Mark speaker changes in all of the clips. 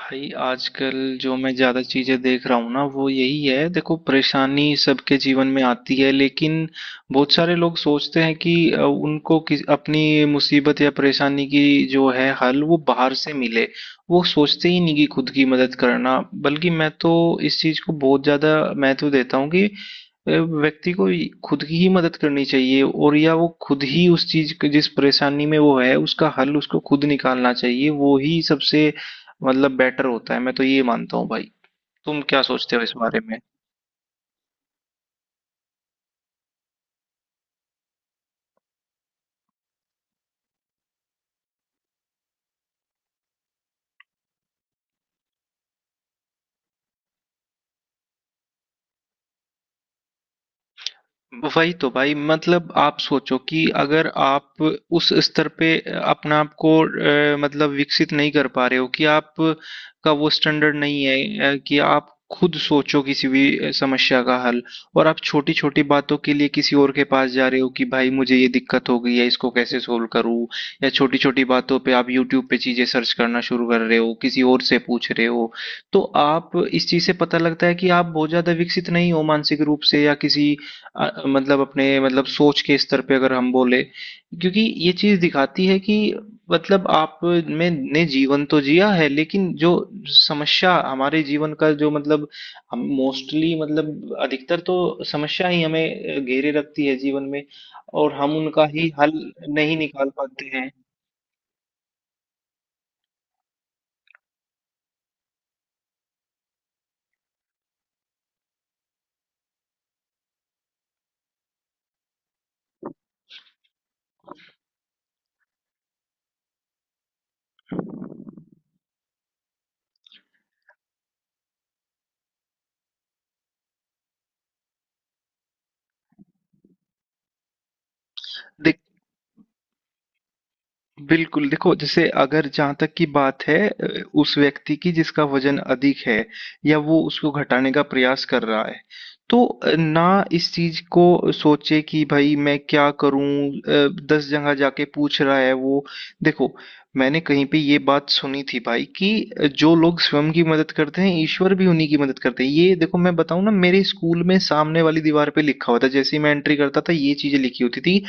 Speaker 1: भाई आजकल जो मैं ज़्यादा चीज़ें देख रहा हूँ ना वो यही है। देखो, परेशानी सबके जीवन में आती है, लेकिन बहुत सारे लोग सोचते हैं कि उनको किस अपनी मुसीबत या परेशानी की जो है हल वो बाहर से मिले। वो सोचते ही नहीं कि खुद की मदद करना। बल्कि मैं तो इस चीज़ को बहुत ज़्यादा महत्व देता हूँ कि व्यक्ति को ही- खुद की ही मदद करनी चाहिए, और या वो खुद ही उस चीज के जिस परेशानी में वो है उसका हल उसको खुद निकालना चाहिए। वो ही सबसे मतलब बेटर होता है। मैं तो ये मानता हूँ भाई। तुम क्या सोचते हो इस बारे में? वही तो भाई। मतलब आप सोचो कि अगर आप उस स्तर पे अपने आप को मतलब विकसित नहीं कर पा रहे हो कि आप का वो स्टैंडर्ड नहीं है, कि आप खुद सोचो किसी भी समस्या का हल, और आप छोटी छोटी बातों के लिए किसी और के पास जा रहे हो कि भाई मुझे ये दिक्कत हो गई है, इसको कैसे सोल्व करूं, या छोटी छोटी बातों पे आप यूट्यूब पे चीजें सर्च करना शुरू कर रहे हो, किसी और से पूछ रहे हो, तो आप इस चीज से पता लगता है कि आप बहुत ज्यादा विकसित नहीं हो मानसिक रूप से, या किसी मतलब अपने मतलब सोच के स्तर पे अगर हम बोले। क्योंकि ये चीज दिखाती है कि मतलब आप में ने जीवन तो जिया है, लेकिन जो समस्या हमारे जीवन का जो मतलब हम मोस्टली मतलब अधिकतर तो समस्या ही हमें घेरे रखती है जीवन में, और हम उनका ही हल नहीं निकाल पाते हैं। बिल्कुल, देखो, जैसे अगर जहाँ तक की बात है उस व्यक्ति की जिसका वजन अधिक है या वो उसको घटाने का प्रयास कर रहा है, तो ना इस चीज को सोचे कि भाई मैं क्या करूं, 10 जगह जाके पूछ रहा है वो। देखो, मैंने कहीं पे ये बात सुनी थी भाई कि जो लोग स्वयं की मदद करते हैं, ईश्वर भी उन्हीं की मदद करते हैं। ये देखो मैं बताऊं ना, मेरे स्कूल में सामने वाली दीवार पे लिखा हुआ था, जैसे ही मैं एंट्री करता था ये चीजें लिखी होती थी।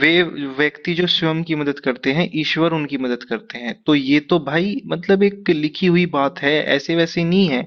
Speaker 1: वे व्यक्ति जो स्वयं की मदद करते हैं ईश्वर उनकी मदद करते हैं। तो ये तो भाई मतलब एक लिखी हुई बात है, ऐसे वैसे नहीं है।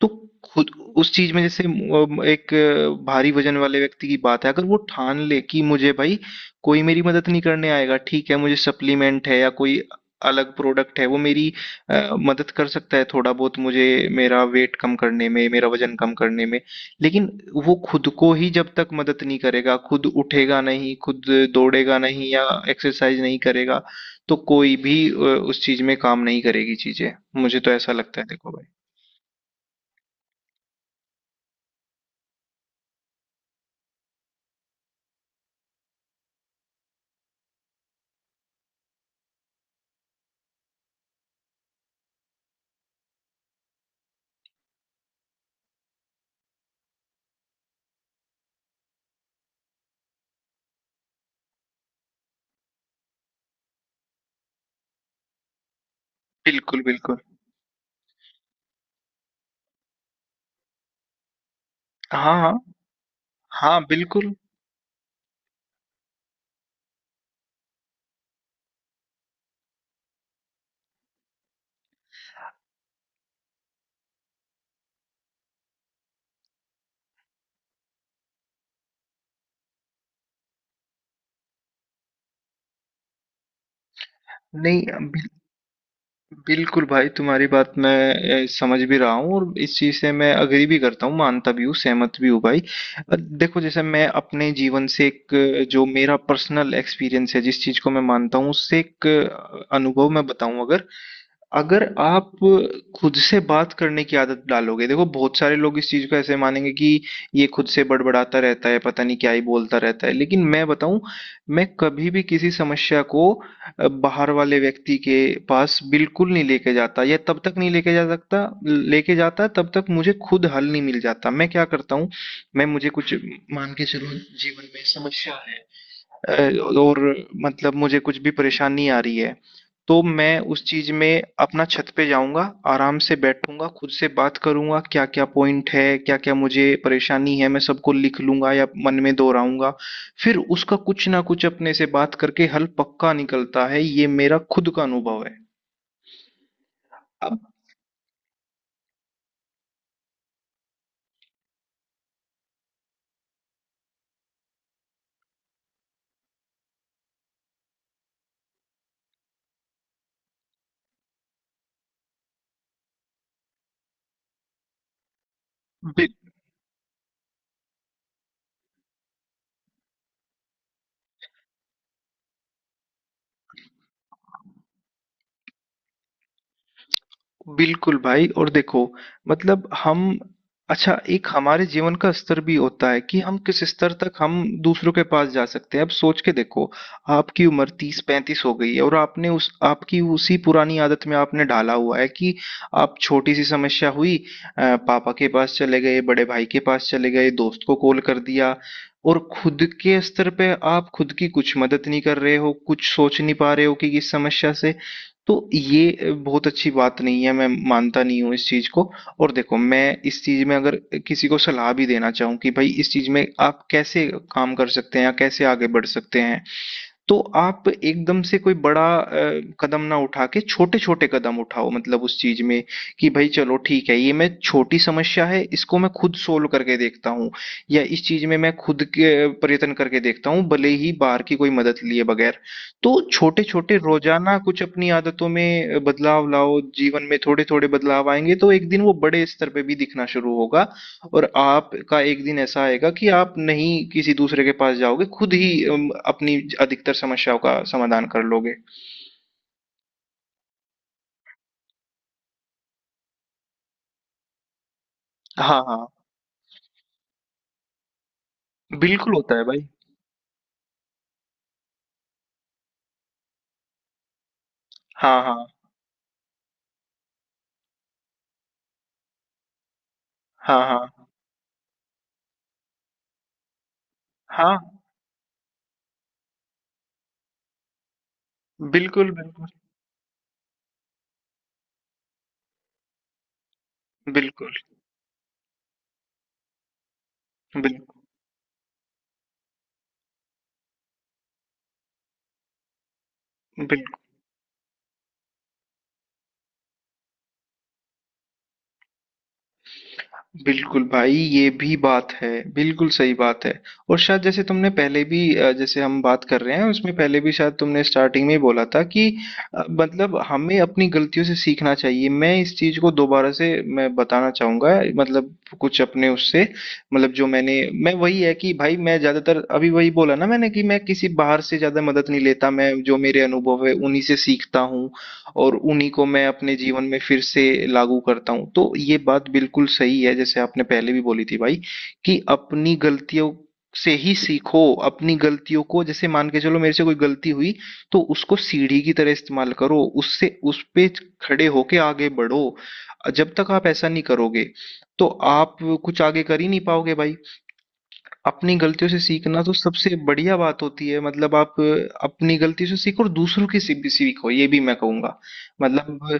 Speaker 1: तो खुद उस चीज में, जैसे एक भारी वजन वाले व्यक्ति की बात है, अगर वो ठान ले कि मुझे भाई कोई मेरी मदद नहीं करने आएगा। ठीक है, मुझे सप्लीमेंट है या कोई अलग प्रोडक्ट है वो मेरी मदद कर सकता है थोड़ा बहुत मुझे, मेरा वेट कम करने में, मेरा वजन कम करने में, लेकिन वो खुद को ही जब तक मदद नहीं करेगा, खुद उठेगा नहीं, खुद दौड़ेगा नहीं या एक्सरसाइज नहीं करेगा, तो कोई भी उस चीज में काम नहीं करेगी चीजें। मुझे तो ऐसा लगता है, देखो भाई। बिल्कुल। बिल्कुल। हाँ। हाँ। हाँ। बिल्कुल। नहीं। बिल, बिल्कुल भाई, तुम्हारी बात मैं समझ भी रहा हूँ, और इस चीज से मैं अग्री भी करता हूँ, मानता भी हूँ, सहमत भी हूँ भाई। देखो, जैसे मैं अपने जीवन से एक जो मेरा पर्सनल एक्सपीरियंस है, जिस चीज को मैं मानता हूँ उससे एक अनुभव मैं बताऊं अगर। अगर आप खुद से बात करने की आदत डालोगे, देखो बहुत सारे लोग इस चीज को ऐसे मानेंगे कि ये खुद से बड़बड़ाता रहता है, पता नहीं क्या ही बोलता रहता है, लेकिन मैं बताऊं। मैं कभी भी किसी समस्या को बाहर वाले व्यक्ति के पास बिल्कुल नहीं लेके जाता, या तब तक नहीं लेके जा सकता, लेके जाता तब तक मुझे खुद हल नहीं मिल जाता। मैं क्या करता हूँ, मैं मुझे कुछ, मान के चलो जीवन में समस्या है अ, और मतलब मुझे कुछ भी परेशानी आ रही है, तो मैं उस चीज में अपना छत पे जाऊंगा, आराम से बैठूंगा, खुद से बात करूंगा, क्या क्या पॉइंट है, क्या क्या मुझे परेशानी है, मैं सबको लिख लूंगा या मन में दोहराऊंगा, फिर उसका कुछ ना कुछ अपने से बात करके हल पक्का निकलता है। ये मेरा खुद का अनुभव है। अब बिल्कुल भाई, और देखो मतलब हम, अच्छा, एक हमारे जीवन का स्तर भी होता है कि हम किस स्तर तक हम दूसरों के पास जा सकते हैं। अब सोच के देखो, आपकी उम्र 30 35 हो गई है, और आपने उस आपकी उसी पुरानी आदत में आपने डाला हुआ है कि आप छोटी सी समस्या हुई, पापा के पास चले गए, बड़े भाई के पास चले गए, दोस्त को कॉल कर दिया, और खुद के स्तर पे आप खुद की कुछ मदद नहीं कर रहे हो, कुछ सोच नहीं पा रहे हो कि इस समस्या से। तो ये बहुत अच्छी बात नहीं है, मैं मानता नहीं हूँ इस चीज़ को। और देखो, मैं इस चीज़ में अगर किसी को सलाह भी देना चाहूँ कि भाई इस चीज़ में आप कैसे काम कर सकते हैं या कैसे आगे बढ़ सकते हैं, तो आप एकदम से कोई बड़ा कदम ना उठा के छोटे-छोटे कदम उठाओ, मतलब उस चीज में कि भाई चलो ठीक है, ये मैं छोटी समस्या है, इसको मैं खुद सोल्व करके देखता हूँ, या इस चीज में मैं खुद के प्रयत्न करके देखता हूँ, भले ही बाहर की कोई मदद लिए बगैर। तो छोटे-छोटे रोजाना कुछ अपनी आदतों में बदलाव लाओ, जीवन में थोड़े-थोड़े बदलाव आएंगे तो एक दिन वो बड़े स्तर पे भी दिखना शुरू होगा, और आपका एक दिन ऐसा आएगा कि आप नहीं किसी दूसरे के पास जाओगे, खुद ही अपनी अधिकतर समस्याओं का समाधान कर लोगे। हाँ, हाँ। बिल्कुल होता है भाई। हाँ, हाँ। हाँ, हाँ। हाँ। बिल्कुल, बिल्कुल। बिल्कुल, बिल बिल बिल्कुल भाई, ये भी बात है। बिल्कुल सही बात है। और शायद, जैसे तुमने पहले भी जैसे हम बात कर रहे हैं उसमें पहले भी शायद तुमने स्टार्टिंग में ही बोला था कि मतलब हमें अपनी गलतियों से सीखना चाहिए, मैं इस चीज को दोबारा से मैं बताना चाहूंगा, मतलब कुछ अपने उससे, मतलब जो मैंने, मैं वही है कि भाई, मैं ज्यादातर अभी वही बोला ना मैंने कि मैं किसी बाहर से ज्यादा मदद नहीं लेता, मैं जो मेरे अनुभव है उन्हीं से सीखता हूँ, और उन्हीं को मैं अपने जीवन में फिर से लागू करता हूँ। तो ये बात बिल्कुल सही है, जैसे आपने पहले भी बोली थी भाई कि अपनी गलतियों से ही सीखो। अपनी गलतियों को, जैसे मान के चलो मेरे से कोई गलती हुई, तो उसको सीढ़ी की तरह इस्तेमाल करो, उससे उस पे खड़े होके आगे बढ़ो। जब तक आप ऐसा नहीं करोगे तो आप कुछ आगे कर ही नहीं पाओगे भाई। अपनी गलतियों से सीखना तो सबसे बढ़िया बात होती है, मतलब आप अपनी गलतियों से सीखो और दूसरों की से भी सीखो, ये भी मैं कहूंगा, मतलब।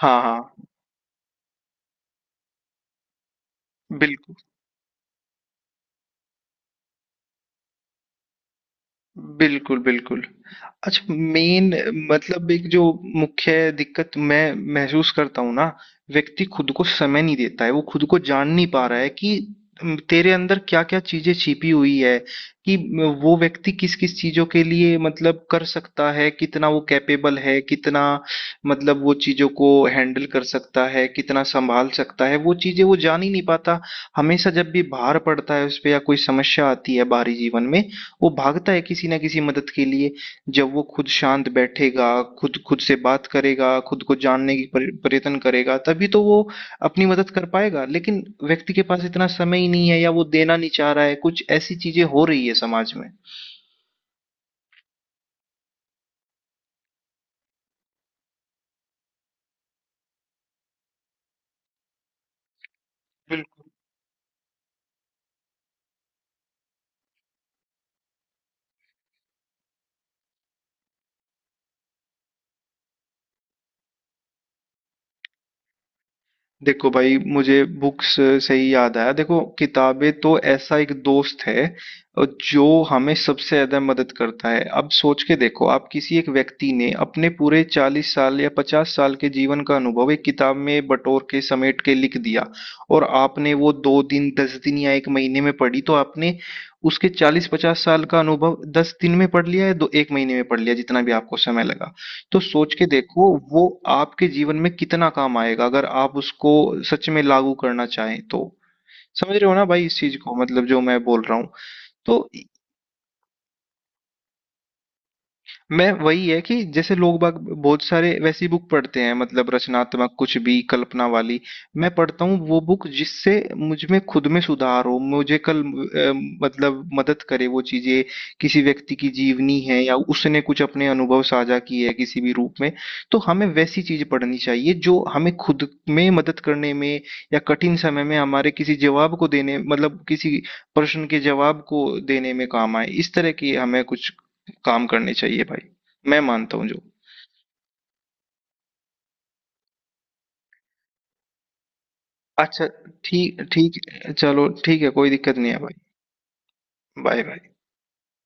Speaker 1: हाँ हाँ। बिल्कुल। बिल्कुल, बिल्कुल। अच्छा, मेन मतलब एक जो मुख्य दिक्कत मैं महसूस करता हूँ ना, व्यक्ति खुद को समय नहीं देता है, वो खुद को जान नहीं पा रहा है कि तेरे अंदर क्या-क्या चीज़ें छिपी हुई है, कि म वो व्यक्ति किस-किस चीज़ों के लिए मतलब कर सकता है, कितना वो कैपेबल है, कितना मतलब वो चीज़ों को हैंडल कर सकता है, कितना सँभाल सकता है, वो चीज़ें वो जान ही नहीं पाता। हमेशा जब भी भार पड़ता है उस पे या कोई समस्या आती है बाहरी जीवन में, वो भागता है किसी न किसी मदद के लिए। जब वो खुद शांत बैठेगा, खुद खुद से बात करेगा, खुद को जानने की पर प्रयत्न करेगा, तभी तो वो अपनी मदद कर पाएगा। लेकिन व्यक्ति के पास इतना समय ही नहीं है, या वो देना नहीं चाह रहा है। कुछ ऐसी चीज़ें हो रही है समाज में। बिल्कुल। देखो भाई, मुझे बुक्स से ही याद आया। देखो, किताबें तो ऐसा एक दोस्त है अ, जो हमें सबसे ज्यादा मदद करता है। अब सोच के देखो, आप किसी एक व्यक्ति ने अपने पूरे 40 साल या 50 साल के जीवन का अनुभव एक किताब में बटोर के समेट के लिख दिया, और आपने वो 2 दिन, 10 दिन या एक महीने में पढ़ी, तो आपने उसके 40 50 साल का अनुभव 10 दिन में पढ़ लिया, या 2 एक महीने में पढ़ लिया, जितना भी आपको समय लगा। तो सोच के देखो वो आपके जीवन में कितना काम आएगा, अगर आप उसको सच में लागू करना चाहें तो। समझ रहे हो ना भाई इस चीज को, मतलब जो मैं बोल रहा हूँ। तो मैं वही है कि जैसे लोग बाग बहुत सारे वैसी बुक पढ़ते हैं, मतलब रचनात्मक कुछ भी, कल्पना वाली। मैं पढ़ता हूँ वो बुक जिससे मुझ में खुद में सुधार हो, मुझे कल मतलब मदद करे वो चीजें, किसी व्यक्ति की जीवनी है या उसने कुछ अपने अनुभव साझा किए है किसी भी रूप में, तो हमें वैसी चीज पढ़नी चाहिए जो हमें खुद में मदद करने में, या कठिन समय में हमारे किसी जवाब को देने, मतलब किसी प्रश्न के जवाब को देने में काम आए। इस तरह की हमें कुछ काम करनी चाहिए भाई, मैं मानता हूँ जो। अच्छा। ठीक ठीक। चलो ठीक है, कोई दिक्कत नहीं है भाई। Bye bye.